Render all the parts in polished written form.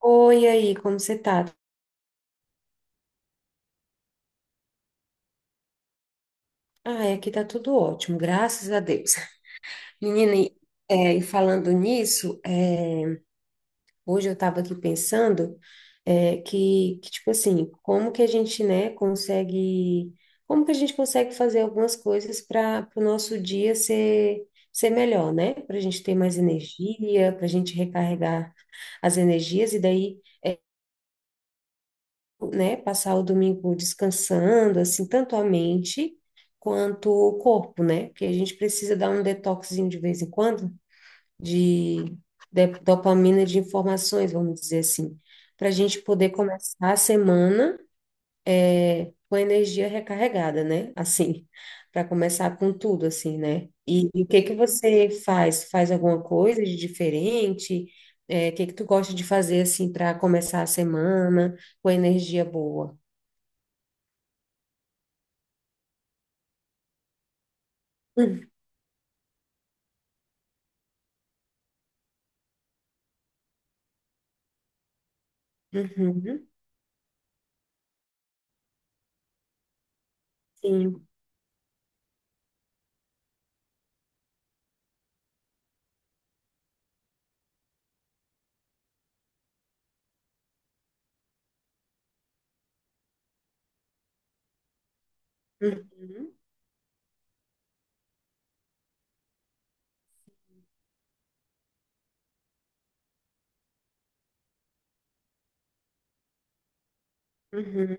Oi, aí, como você tá? Ah, é, aqui tá tudo ótimo, graças a Deus. Menina, e falando nisso, hoje eu tava aqui pensando tipo assim, como que a gente, né, consegue, como que a gente consegue fazer algumas coisas para o nosso dia ser, ser melhor, né? Para a gente ter mais energia, para a gente recarregar as energias, e daí. Né, passar o domingo descansando, assim, tanto a mente quanto o corpo, né? Porque a gente precisa dar um detoxinho de vez em quando de, dopamina de informações, vamos dizer assim, para a gente poder começar a semana com a energia recarregada, né? Assim, para começar com tudo, assim, né? E o que que você faz? Faz alguma coisa de diferente? É, o que que tu gosta de fazer, assim, para começar a semana com energia boa? Uhum, sim. Uhum, uhum,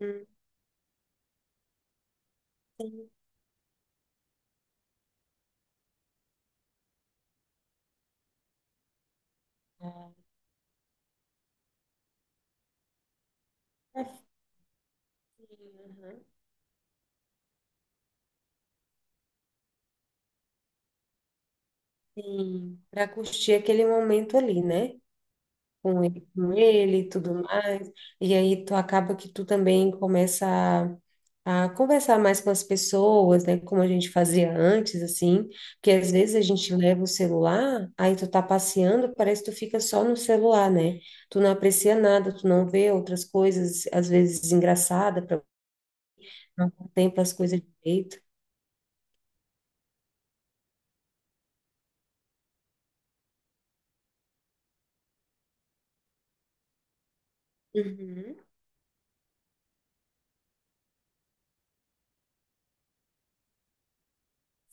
uhum, sim. Ah, assim, uhum, sim. Para curtir aquele momento ali, né? Com ele e tudo mais. E aí tu acaba que tu também começa a conversar mais com as pessoas, né? Como a gente fazia antes, assim. Porque às vezes a gente leva o celular, aí tu tá passeando, parece que tu fica só no celular, né? Tu não aprecia nada, tu não vê outras coisas, às vezes engraçadas, não contempla as coisas direito. Uhum.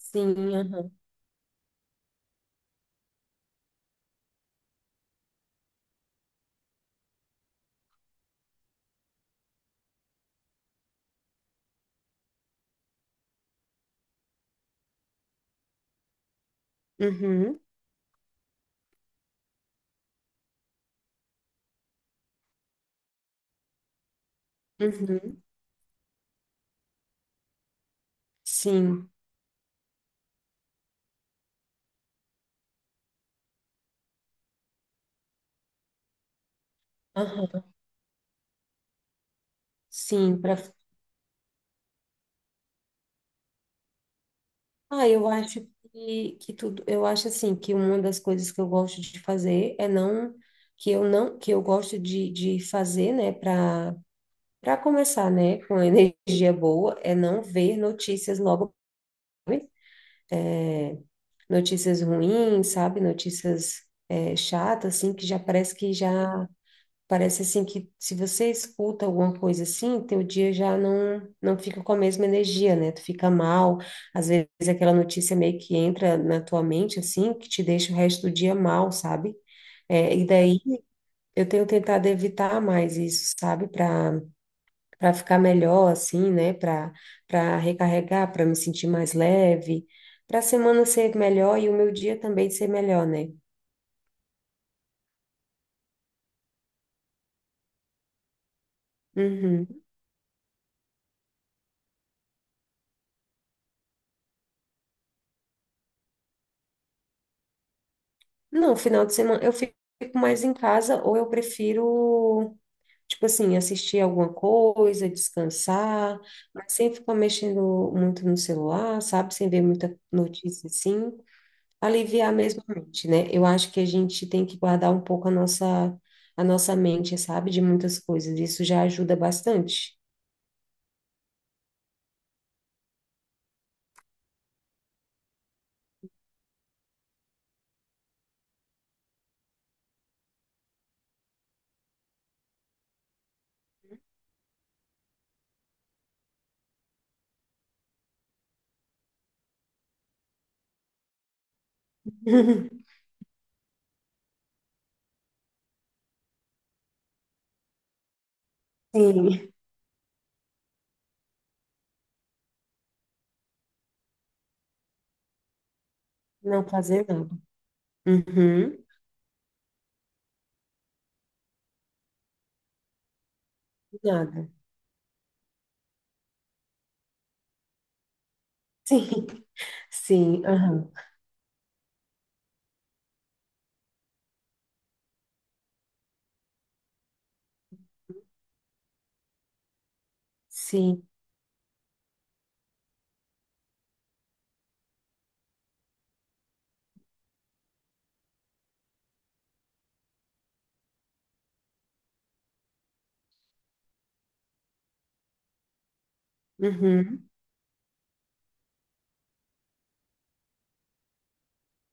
Sim, aham. Uhum. Uhum. Sim, aham. Sim, para ah, eu acho que tudo, eu acho assim que uma das coisas que eu gosto de fazer é não que eu não que eu gosto de fazer, né, para para começar, né, com energia boa, é não ver notícias logo, sabe? Notícias ruins, sabe? Notícias é, chatas, assim, que já parece que já parece assim que se você escuta alguma coisa assim, teu dia já não fica com a mesma energia, né? Tu fica mal. Às vezes aquela notícia meio que entra na tua mente assim, que te deixa o resto do dia mal, sabe? É, e daí eu tenho tentado evitar mais isso, sabe? Para para ficar melhor assim, né? Para para recarregar, para me sentir mais leve, para a semana ser melhor e o meu dia também ser melhor, né? Uhum. Não, final de semana eu fico mais em casa ou eu prefiro, tipo assim, assistir alguma coisa, descansar, mas sem ficar mexendo muito no celular, sabe? Sem ver muita notícia assim. Aliviar mesmo a mente, né? Eu acho que a gente tem que guardar um pouco a nossa mente, sabe? De muitas coisas. Isso já ajuda bastante. Sim, não fazer nada. Uhum, nada. Sim, sim, aham, sim. Uhum.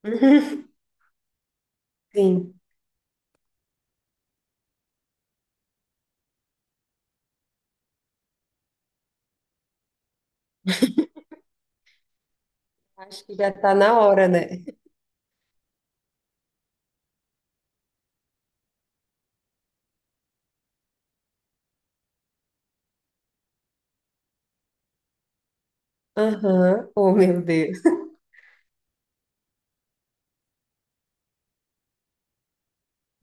Sim, acho que já tá na hora, né? Aham, oh, meu Deus.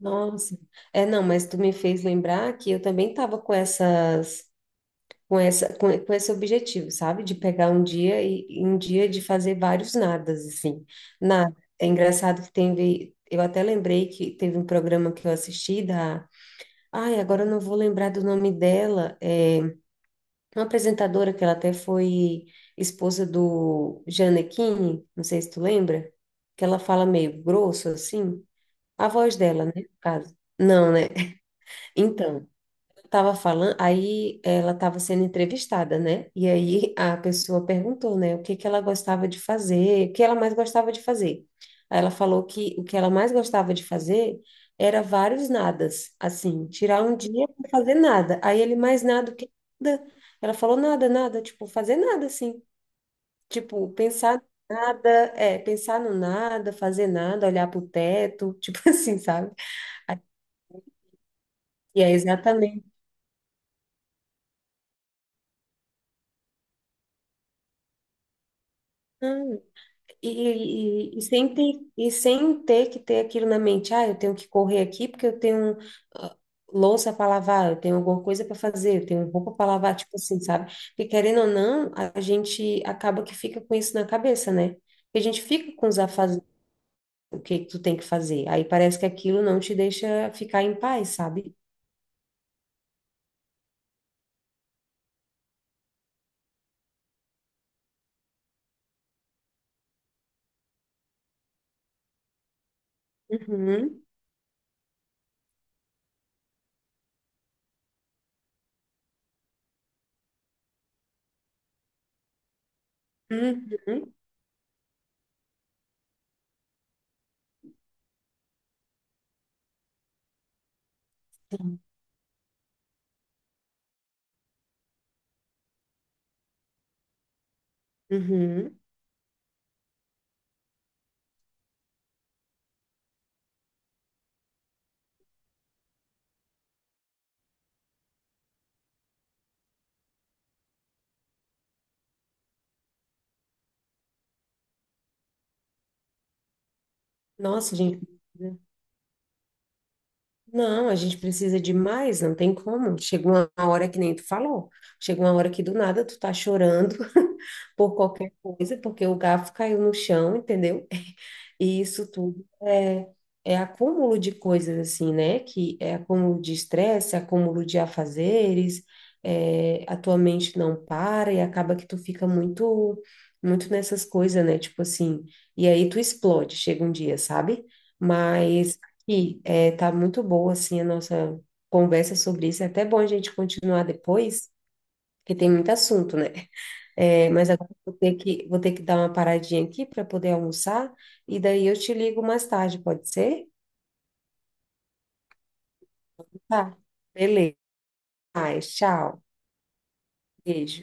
Nossa. É, não, mas tu me fez lembrar que eu também tava com essas, com essa, com esse objetivo, sabe? De pegar um dia e um dia de fazer vários nadas, assim. Nada. É engraçado que teve, eu até lembrei que teve um programa que eu assisti da, ai, agora eu não vou lembrar do nome dela. Uma apresentadora que ela até foi esposa do Gianecchini, não sei se tu lembra, que ela fala meio grosso assim, a voz dela, né, no caso. Não, né? Então, tava falando, aí ela estava sendo entrevistada, né? E aí a pessoa perguntou, né, o que que ela gostava de fazer, o que ela mais gostava de fazer. Aí ela falou que o que ela mais gostava de fazer era vários nadas, assim, tirar um dia para fazer nada. Aí ele mais nada o que nada. Ela falou nada, nada, tipo, fazer nada assim, tipo, pensar nada, é, pensar no nada, fazer nada, olhar para o teto, tipo assim, sabe? E é exatamente. E sem ter, e sem ter que ter aquilo na mente, ah, eu tenho que correr aqui porque eu tenho ah, louça para lavar, eu tenho alguma coisa para fazer, eu tenho roupa para lavar, tipo assim, sabe? Porque querendo ou não, a gente acaba que fica com isso na cabeça, né? Porque a gente fica com os afazeres, o que que tu tem que fazer. Aí parece que aquilo não te deixa ficar em paz, sabe? Uhum, uhum, uhum. Nossa, gente. Não, a gente precisa de mais, não tem como. Chegou uma hora que nem tu falou, chegou uma hora que do nada tu tá chorando por qualquer coisa, porque o garfo caiu no chão, entendeu? E isso tudo é, é acúmulo de coisas assim, né? Que é acúmulo de estresse, acúmulo de afazeres, é, a tua mente não para e acaba que tu fica muito, muito nessas coisas, né? Tipo assim, e aí tu explode, chega um dia, sabe? Mas. E é, tá muito boa, assim, a nossa conversa sobre isso. É até bom a gente continuar depois, porque tem muito assunto, né? É, mas agora eu vou ter que dar uma paradinha aqui para poder almoçar, e daí eu te ligo mais tarde, pode ser? Tá. Beleza. Ai, tchau. Beijo.